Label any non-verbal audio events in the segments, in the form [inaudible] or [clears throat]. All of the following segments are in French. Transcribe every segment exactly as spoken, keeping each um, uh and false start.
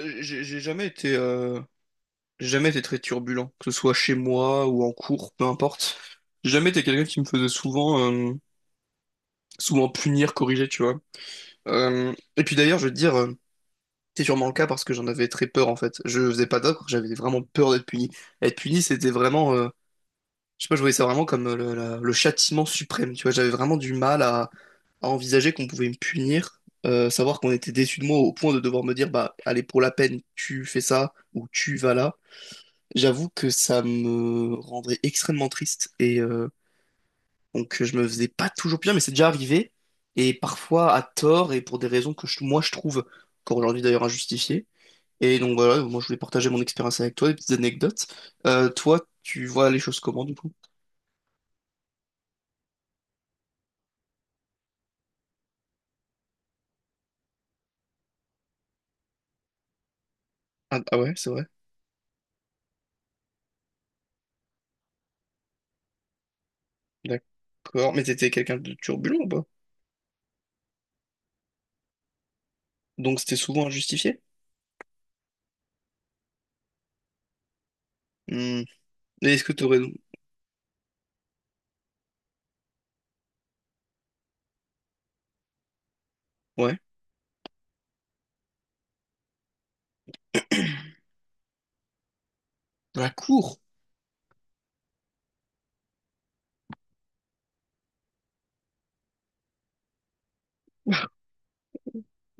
Euh, J'ai j'ai jamais été, euh, j'ai jamais été très turbulent, que ce soit chez moi ou en cours, peu importe. J'ai jamais été quelqu'un qui me faisait souvent, euh, souvent punir, corriger, tu vois. Euh, et puis d'ailleurs, je veux te dire, euh, c'est sûrement le cas parce que j'en avais très peur en fait. Je faisais pas d'ocre, j'avais vraiment peur d'être puni. Être puni, c'était vraiment, euh, je sais pas, je voyais ça vraiment comme euh, le, la- le châtiment suprême, tu vois. J'avais vraiment du mal à, à envisager qu'on pouvait me punir, euh, savoir qu'on était déçu de moi au point de devoir me dire, bah, allez, pour la peine, tu fais ça ou tu vas là. J'avoue que ça me rendrait extrêmement triste et euh, donc je me faisais pas toujours plaisir, mais c'est déjà arrivé et parfois à tort et pour des raisons que je- moi je trouve encore aujourd'hui d'ailleurs injustifiées. Et donc voilà, moi je voulais partager mon expérience avec toi, des petites anecdotes. Euh, toi, tu vois les choses comment du coup? Ah, ah ouais, c'est vrai. D'accord. Mais t'étais quelqu'un de turbulent ou pas? Donc c'était souvent injustifié? Hmm. Et est-ce que t'aurais... Ouais. [clears throat] La cour?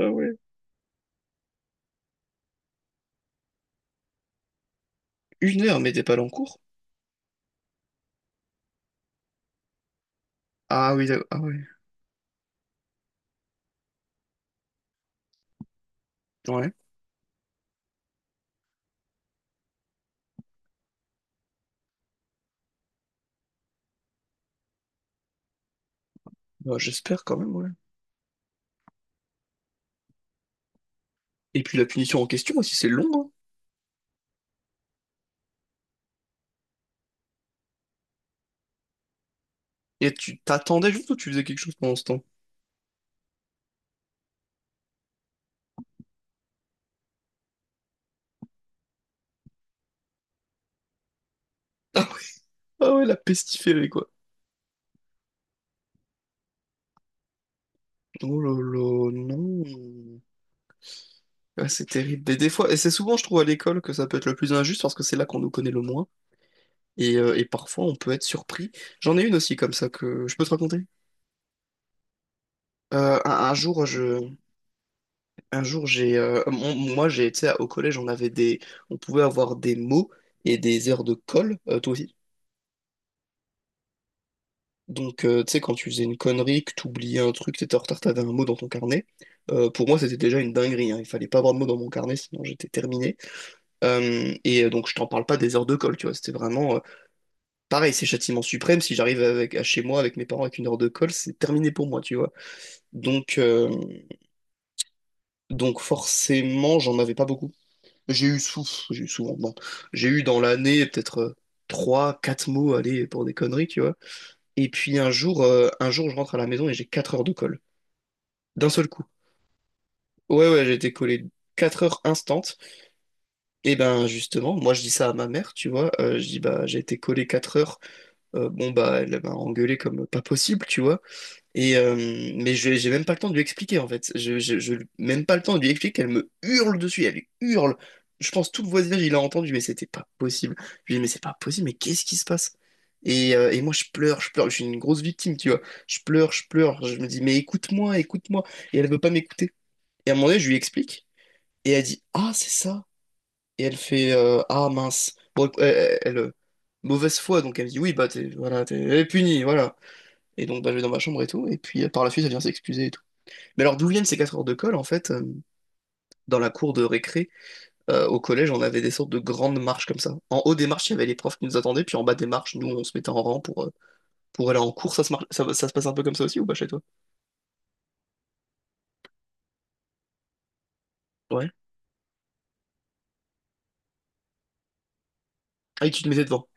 Ah ouais. Une heure, mais t'es pas allé en cours? Ah oui, d'accord. Ah ouais. Ouais. Bah, j'espère quand même, ouais. Et puis la punition en question aussi, c'est long, hein. Et tu t'attendais juste ou tu faisais quelque chose pendant ce temps? [laughs] Ah ouais, la pestiférée, quoi. Oh là là, non. Ah, c'est terrible. Mais des fois, et c'est souvent, je trouve, à l'école que ça peut être le plus injuste parce que c'est là qu'on nous connaît le moins. Et, euh, et parfois, on peut être surpris. J'en ai une aussi comme ça que je peux te raconter. Euh, un, un jour, je, un jour, j'ai, euh, mon- moi, j'ai, tu sais, au collège, on avait des, on pouvait avoir des mots et des heures de colle. Euh, toi aussi? Donc, euh, tu sais, quand tu faisais une connerie, que tu oubliais un truc, t'étais en retard, t'avais un mot dans ton carnet. Euh, pour moi, c'était déjà une dinguerie, hein. Il fallait pas avoir de mot dans mon carnet, sinon j'étais terminé. Euh, et euh, donc, je t'en parle pas des heures de colle, tu vois. C'était vraiment euh, pareil, c'est châtiment suprême. Si j'arrive avec à chez moi avec mes parents avec une heure de colle, c'est terminé pour moi, tu vois. Donc, euh, donc forcément, j'en avais pas beaucoup. J'ai eu sou- j'ai eu souvent, bon, j'ai eu dans l'année peut-être euh, trois, quatre mots, allez, pour des conneries, tu vois. Et puis un jour, euh, un jour, je rentre à la maison et j'ai quatre heures de colle. D'un seul coup. Ouais, ouais, j'ai été collé quatre heures instantes. Et ben justement, moi je dis ça à ma mère, tu vois. Euh, je dis bah j'ai été collé quatre heures. Euh, bon bah elle m'a engueulé comme pas possible, tu vois. Et euh, mais je- j'ai même pas le temps de lui expliquer en fait. Je, je, je- même pas le temps de lui expliquer. Elle me hurle dessus, elle hurle. Je pense tout le voisinage il a entendu, mais c'était pas possible. Je lui dis mais c'est pas possible, mais qu'est-ce qui se passe? Et, euh, et moi je pleure, je pleure, je suis une grosse victime, tu vois. Je pleure, je pleure, je me dis mais écoute-moi, écoute-moi. Et elle veut pas m'écouter. Et à un moment donné, je lui explique. Et elle dit, ah, c'est ça. Et elle fait, euh, ah, mince. Bon, elle, elle- elle, euh, mauvaise foi, donc elle me dit, oui, bah, t'es, voilà, t'es elle est punie, voilà. Et donc, bah, je vais dans ma chambre et tout. Et puis, euh, par la suite, elle vient s'excuser et tout. Mais alors, d'où viennent ces quatre heures de colle, en fait, euh, dans la cour de récré, euh, au collège, on avait des sortes de grandes marches comme ça. En haut des marches, il y avait les profs qui nous attendaient, puis en bas des marches, nous, on se mettait en rang pour, euh, pour aller en cours. Ça se, mar- ça, ça se passe un peu comme ça aussi, ou pas chez toi? Ouais. Ah, et tu te mettais devant.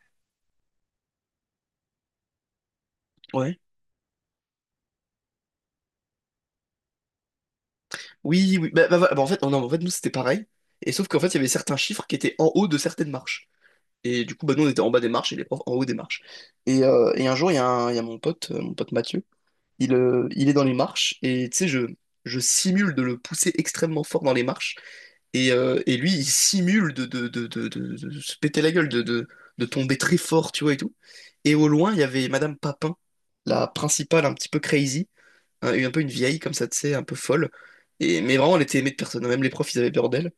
Ouais. Oui, oui. Bah, bah, bah, bah, en fait, non, non, en fait, nous, c'était pareil. Et sauf qu'en fait, il y avait certains chiffres qui étaient en haut de certaines marches. Et du coup, bah, nous, on était en bas des marches et les profs en haut des marches. Et, euh, et un jour, il y a, un- il y a mon pote, euh, mon pote Mathieu, il, euh, il est dans les marches et tu sais, je, je simule de le pousser extrêmement fort dans les marches. Et, euh, et lui, il simule de, de, de, de, de- de se péter la gueule, de, de, de tomber très fort, tu vois, et tout. Et au loin, il y avait Madame Papin, la principale un petit peu crazy, hein, un peu une vieille comme ça, tu sais, un peu folle. Et, mais vraiment, elle était aimée de personne. Même les profs, ils avaient peur d'elle.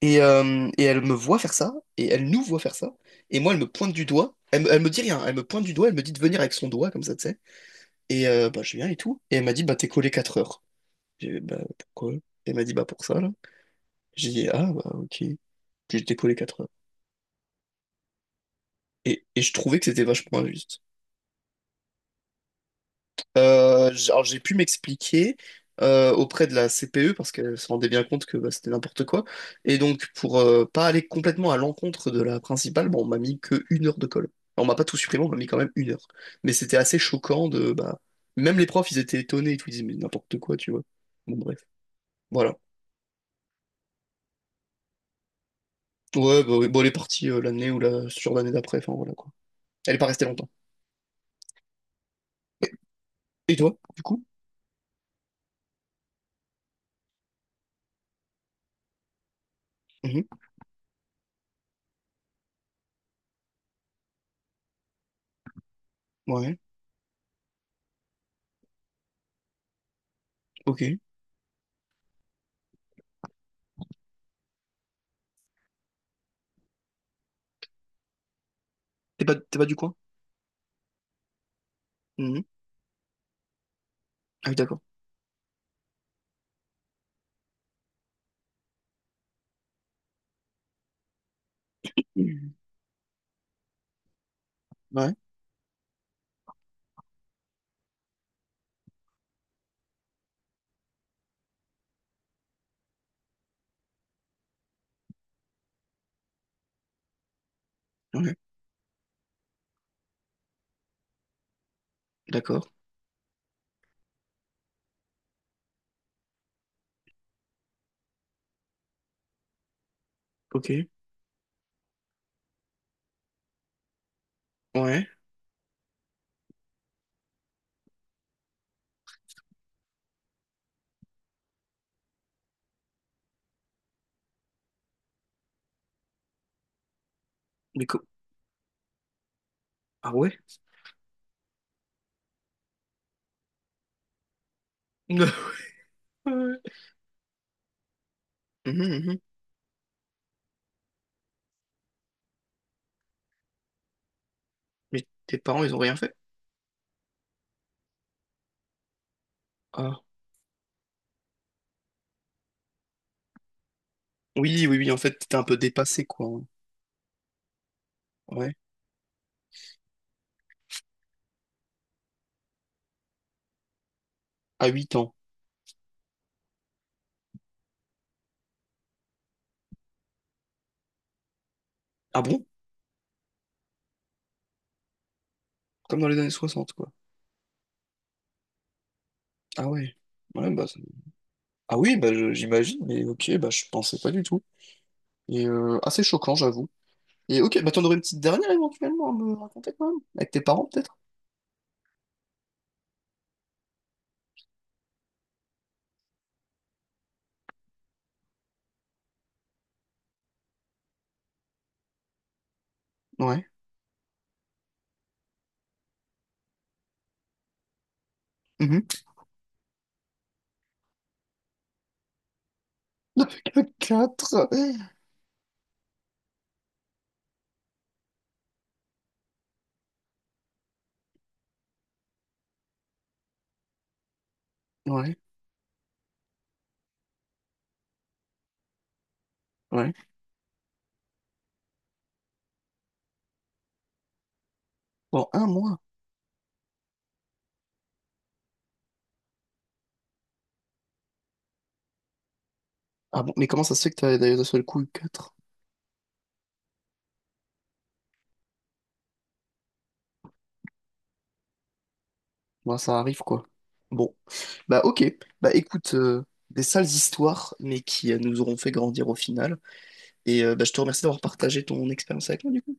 Et, euh, et elle me voit faire ça, et elle nous voit faire ça, et moi elle me pointe du doigt, elle, me- elle me dit rien, elle me pointe du doigt, elle me dit de venir avec son doigt comme ça, tu sais. Et euh, bah je viens et tout, et elle m'a dit bah t'es collé quatre heures. J'ai dit bah pourquoi? Elle m'a dit bah pour ça là. J'ai dit ah bah ok, puis j'étais collé quatre heures. Et, et je trouvais que c'était vachement injuste. Euh, j- alors j'ai pu m'expliquer euh, auprès de la C P E parce qu'elle se rendait bien compte que bah, c'était n'importe quoi. Et donc pour euh, pas aller complètement à l'encontre de la principale, bah, on m'a mis que une heure de colle. Alors, on m'a pas tout supprimé, on m'a mis quand même une heure. Mais c'était assez choquant de bah même les profs ils étaient étonnés et tout, ils disaient mais n'importe quoi tu vois. Bon bref, voilà. Ouais bah, oui, bon elle est partie euh, l'année ou la sur l'année d'après, enfin voilà quoi. Elle est pas restée longtemps. Et et toi, du coup? Mhm. Ouais, ok. T'es pas, t'es pas du coin? Mhm. Ah oui, d'accord. Mhm. Ouais, ouais. D'accord, ok. Ouais. Mais co- Ah ouais? [laughs] Ouais. Mhm, mhm. Mais tes parents, ils ont rien fait? Ah. Oui, oui, oui, en fait, t'étais un peu dépassé, quoi, hein. Ouais. À huit ans. Ah bon? Comme dans les années soixante quoi. Ah ouais. Ouais, bah... ça- Ah oui, bah je- j'imagine, mais ok, bah je pensais pas du tout. Et euh, assez choquant, j'avoue. Et ok, bah t'en aurais une petite dernière éventuellement à me raconter quand même? Avec tes parents, peut-être? Ouais. Mhm. Avec le quatre. Ouais, ouais. Bon, un mois. Ah bon, mais comment ça se fait que t'as d'ailleurs d'un seul coup eu quatre? Bon, ça arrive quoi. Bon. Bah ok. Bah écoute, euh, des sales histoires, mais qui euh, nous auront fait grandir au final. Et euh, bah, je te remercie d'avoir partagé ton expérience avec moi du coup.